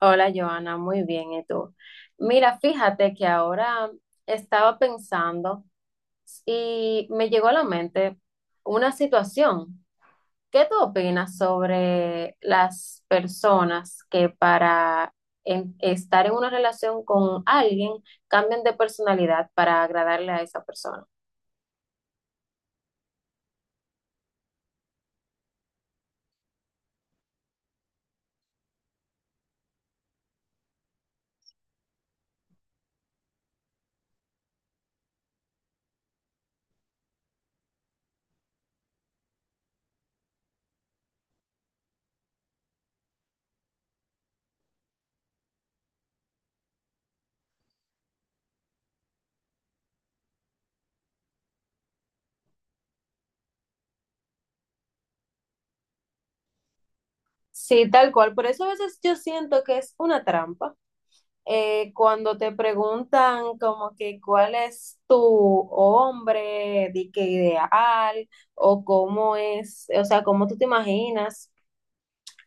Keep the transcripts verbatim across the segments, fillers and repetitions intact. Hola, Joana, muy bien, ¿y tú? Mira, fíjate que ahora estaba pensando y me llegó a la mente una situación. ¿Qué tú opinas sobre las personas que para en- estar en una relación con alguien cambian de personalidad para agradarle a esa persona? Sí, tal cual. Por eso a veces yo siento que es una trampa. Eh, cuando te preguntan como que cuál es tu hombre, di que ideal, o cómo es, o sea, cómo tú te imaginas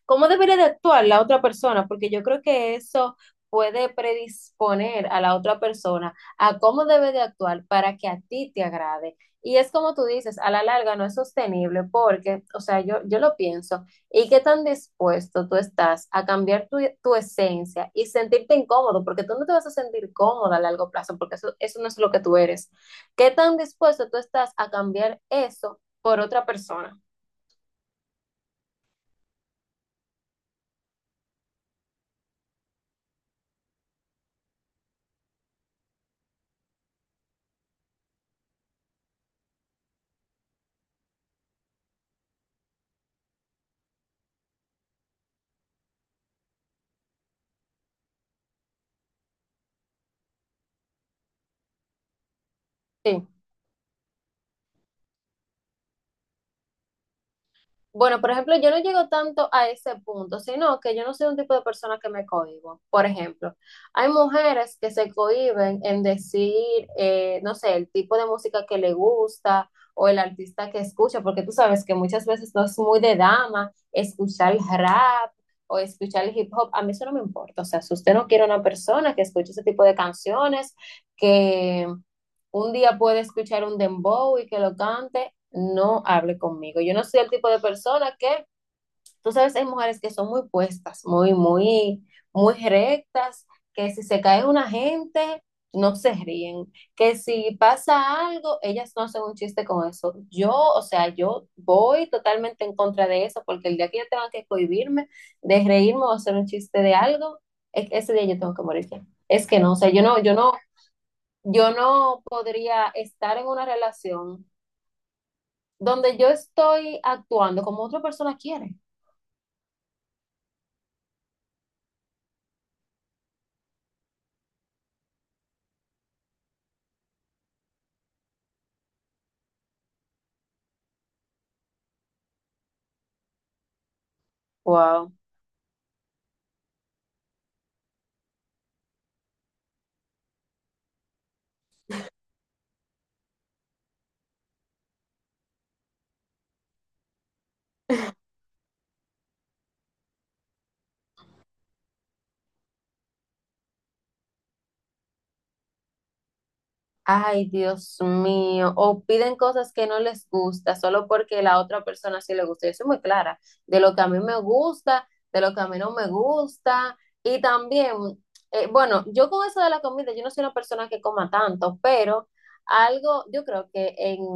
cómo debería de actuar la otra persona, porque yo creo que eso puede predisponer a la otra persona a cómo debe de actuar para que a ti te agrade. Y es como tú dices, a la larga no es sostenible porque, o sea, yo, yo lo pienso, ¿y qué tan dispuesto tú estás a cambiar tu, tu esencia y sentirte incómodo? Porque tú no te vas a sentir cómoda a largo plazo, porque eso, eso no es lo que tú eres. ¿Qué tan dispuesto tú estás a cambiar eso por otra persona? Sí. Bueno, por ejemplo, yo no llego tanto a ese punto, sino que yo no soy un tipo de persona que me cohíbo. Por ejemplo, hay mujeres que se cohíben en decir, eh, no sé, el tipo de música que le gusta o el artista que escucha, porque tú sabes que muchas veces no es muy de dama escuchar el rap o escuchar el hip hop. A mí eso no me importa. O sea, si usted no quiere una persona que escuche ese tipo de canciones, que un día puede escuchar un dembow y que lo cante, no hable conmigo. Yo no soy el tipo de persona que, tú sabes, hay mujeres que son muy puestas, muy, muy, muy rectas, que si se cae una gente, no se ríen, que si pasa algo, ellas no hacen un chiste con eso. Yo, o sea, yo voy totalmente en contra de eso, porque el día que yo tenga que cohibirme de reírme o hacer un chiste de algo, e- ese día yo tengo que morir ya. Es que no, o sea, yo no, yo no yo no podría estar en una relación donde yo estoy actuando como otra persona quiere. Wow. Ay, Dios mío, o piden cosas que no les gusta solo porque la otra persona sí le gusta. Yo soy muy clara de lo que a mí me gusta, de lo que a mí no me gusta. Y también, eh, bueno, yo con eso de la comida, yo no soy una persona que coma tanto, pero algo, yo creo que en,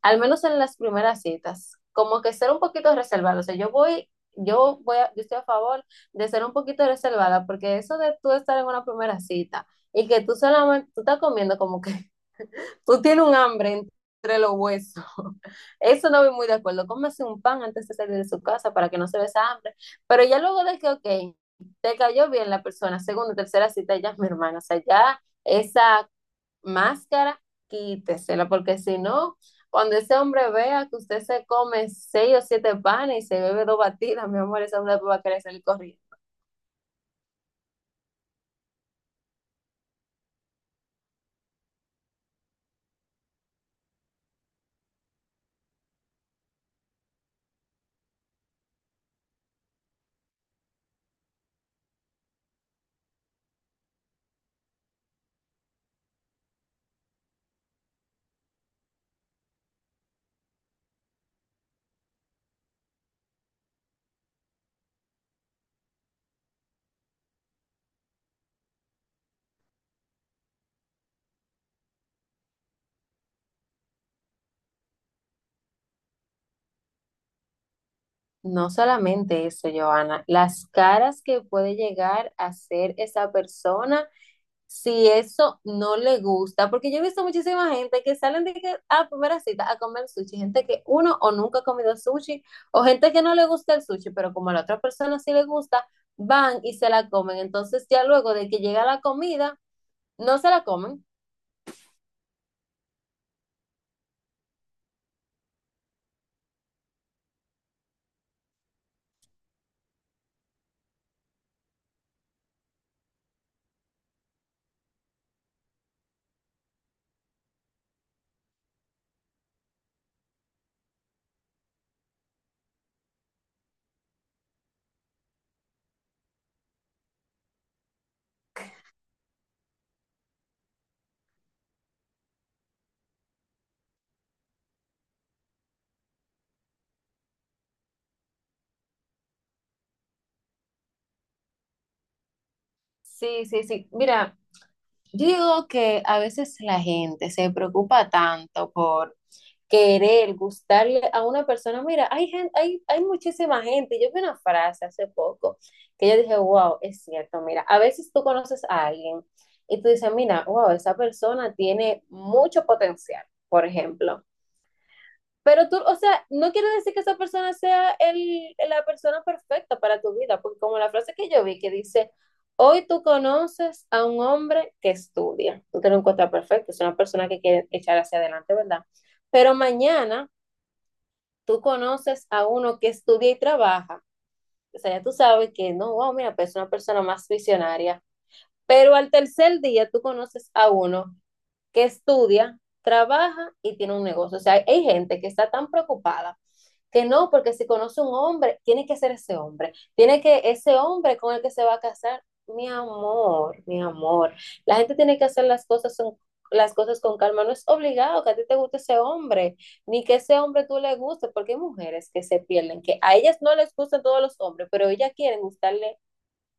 al menos en las primeras citas, como que ser un poquito reservado. O sea, yo voy, yo voy, a- yo estoy a favor de ser un poquito reservada, porque eso de tú estar en una primera cita. Y que tú solamente, tú estás comiendo como que tú tienes un hambre entre los huesos. Eso no voy muy de acuerdo. Cómese un pan antes de salir de su casa para que no se vea esa hambre. Pero ya luego de que, ok, te cayó bien la persona, segunda, tercera cita, ya es mi hermana. O sea, ya esa máscara, quítesela, porque si no, cuando ese hombre vea que usted se come seis o siete panes y se bebe dos batidas, mi amor, ese hombre va a querer salir corriendo. No solamente eso, Joana, las caras que puede llegar a ser esa persona si eso no le gusta, porque yo he visto muchísima gente que salen de que a primera cita a comer sushi, gente que uno o nunca ha comido sushi, o gente que no le gusta el sushi, pero como a la otra persona sí le gusta, van y se la comen. Entonces ya luego de que llega la comida, no se la comen. Sí, sí, sí. Mira, yo digo que a veces la gente se preocupa tanto por querer, gustarle a una persona. Mira, hay gente, hay, hay muchísima gente. Yo vi una frase hace poco que yo dije, wow, es cierto, mira, a veces tú conoces a alguien y tú dices, mira, wow, esa persona tiene mucho potencial, por ejemplo. Pero tú, o sea, no quiere decir que esa persona sea el, la persona perfecta para tu vida, porque como la frase que yo vi que dice, hoy tú conoces a un hombre que estudia, tú te lo encuentras perfecto, es una persona que quiere echar hacia adelante, ¿verdad? Pero mañana tú conoces a uno que estudia y trabaja, o sea, ya tú sabes que no, wow, mira, pues es una persona más visionaria, pero al tercer día tú conoces a uno que estudia, trabaja y tiene un negocio. O sea, hay gente que está tan preocupada que no, porque si conoce un hombre, tiene que ser ese hombre, tiene que ese hombre con el que se va a casar, mi amor, mi amor, la gente tiene que hacer las cosas son las cosas con calma, no es obligado que a ti te guste ese hombre, ni que ese hombre tú le guste, porque hay mujeres que se pierden, que a ellas no les gustan todos los hombres, pero ellas quieren gustarle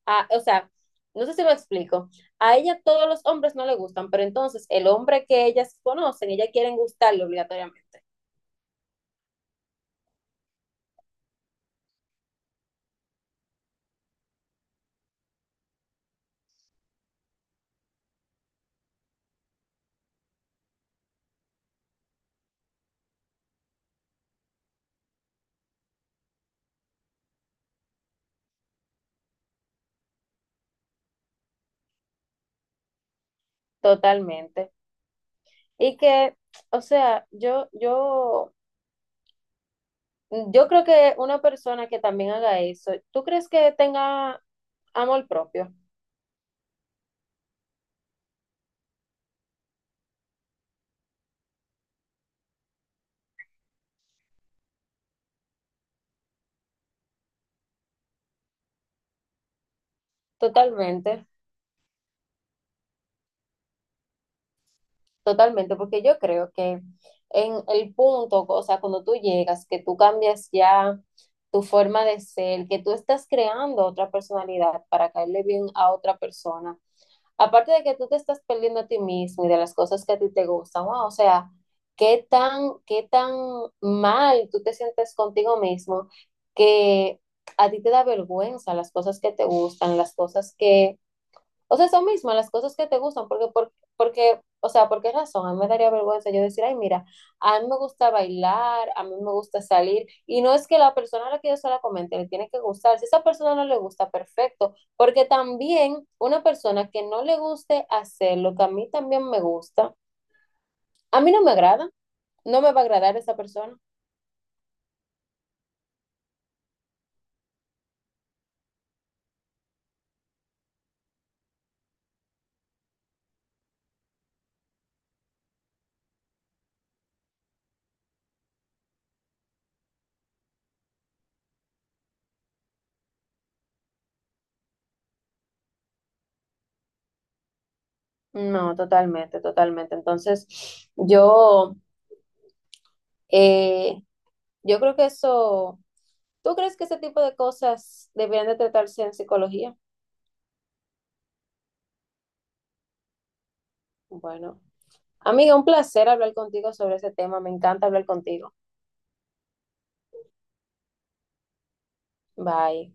a, o sea, no sé si me explico. A ella todos los hombres no le gustan, pero entonces el hombre que ellas conocen, ellas quieren gustarle obligatoriamente. Totalmente. Y que, o sea, yo, yo, yo creo que una persona que también haga eso, ¿tú crees que tenga amor propio? Totalmente, totalmente, porque yo creo que en el punto, o sea, cuando tú llegas, que tú cambias ya tu forma de ser, que tú estás creando otra personalidad para caerle bien a otra persona, aparte de que tú te estás perdiendo a ti mismo y de las cosas que a ti te gustan, wow, o sea, qué tan, qué tan mal tú te sientes contigo mismo que a ti te da vergüenza las cosas que te gustan, las cosas que, o sea, eso mismo, las cosas que te gustan, porque, por- porque, o sea, ¿por qué razón? A mí me daría vergüenza yo decir, ay, mira, a mí me gusta bailar, a mí me gusta salir, y no es que la persona a la que yo se la comente le tiene que gustar, si a esa persona no le gusta, perfecto, porque también una persona que no le guste hacer lo que a mí también me gusta, a mí no me agrada, no me va a agradar esa persona. No, totalmente, totalmente. Entonces, yo, eh, yo creo que eso... ¿Tú crees que ese tipo de cosas deberían de tratarse en psicología? Bueno, amiga, un placer hablar contigo sobre ese tema. Me encanta hablar contigo. Bye.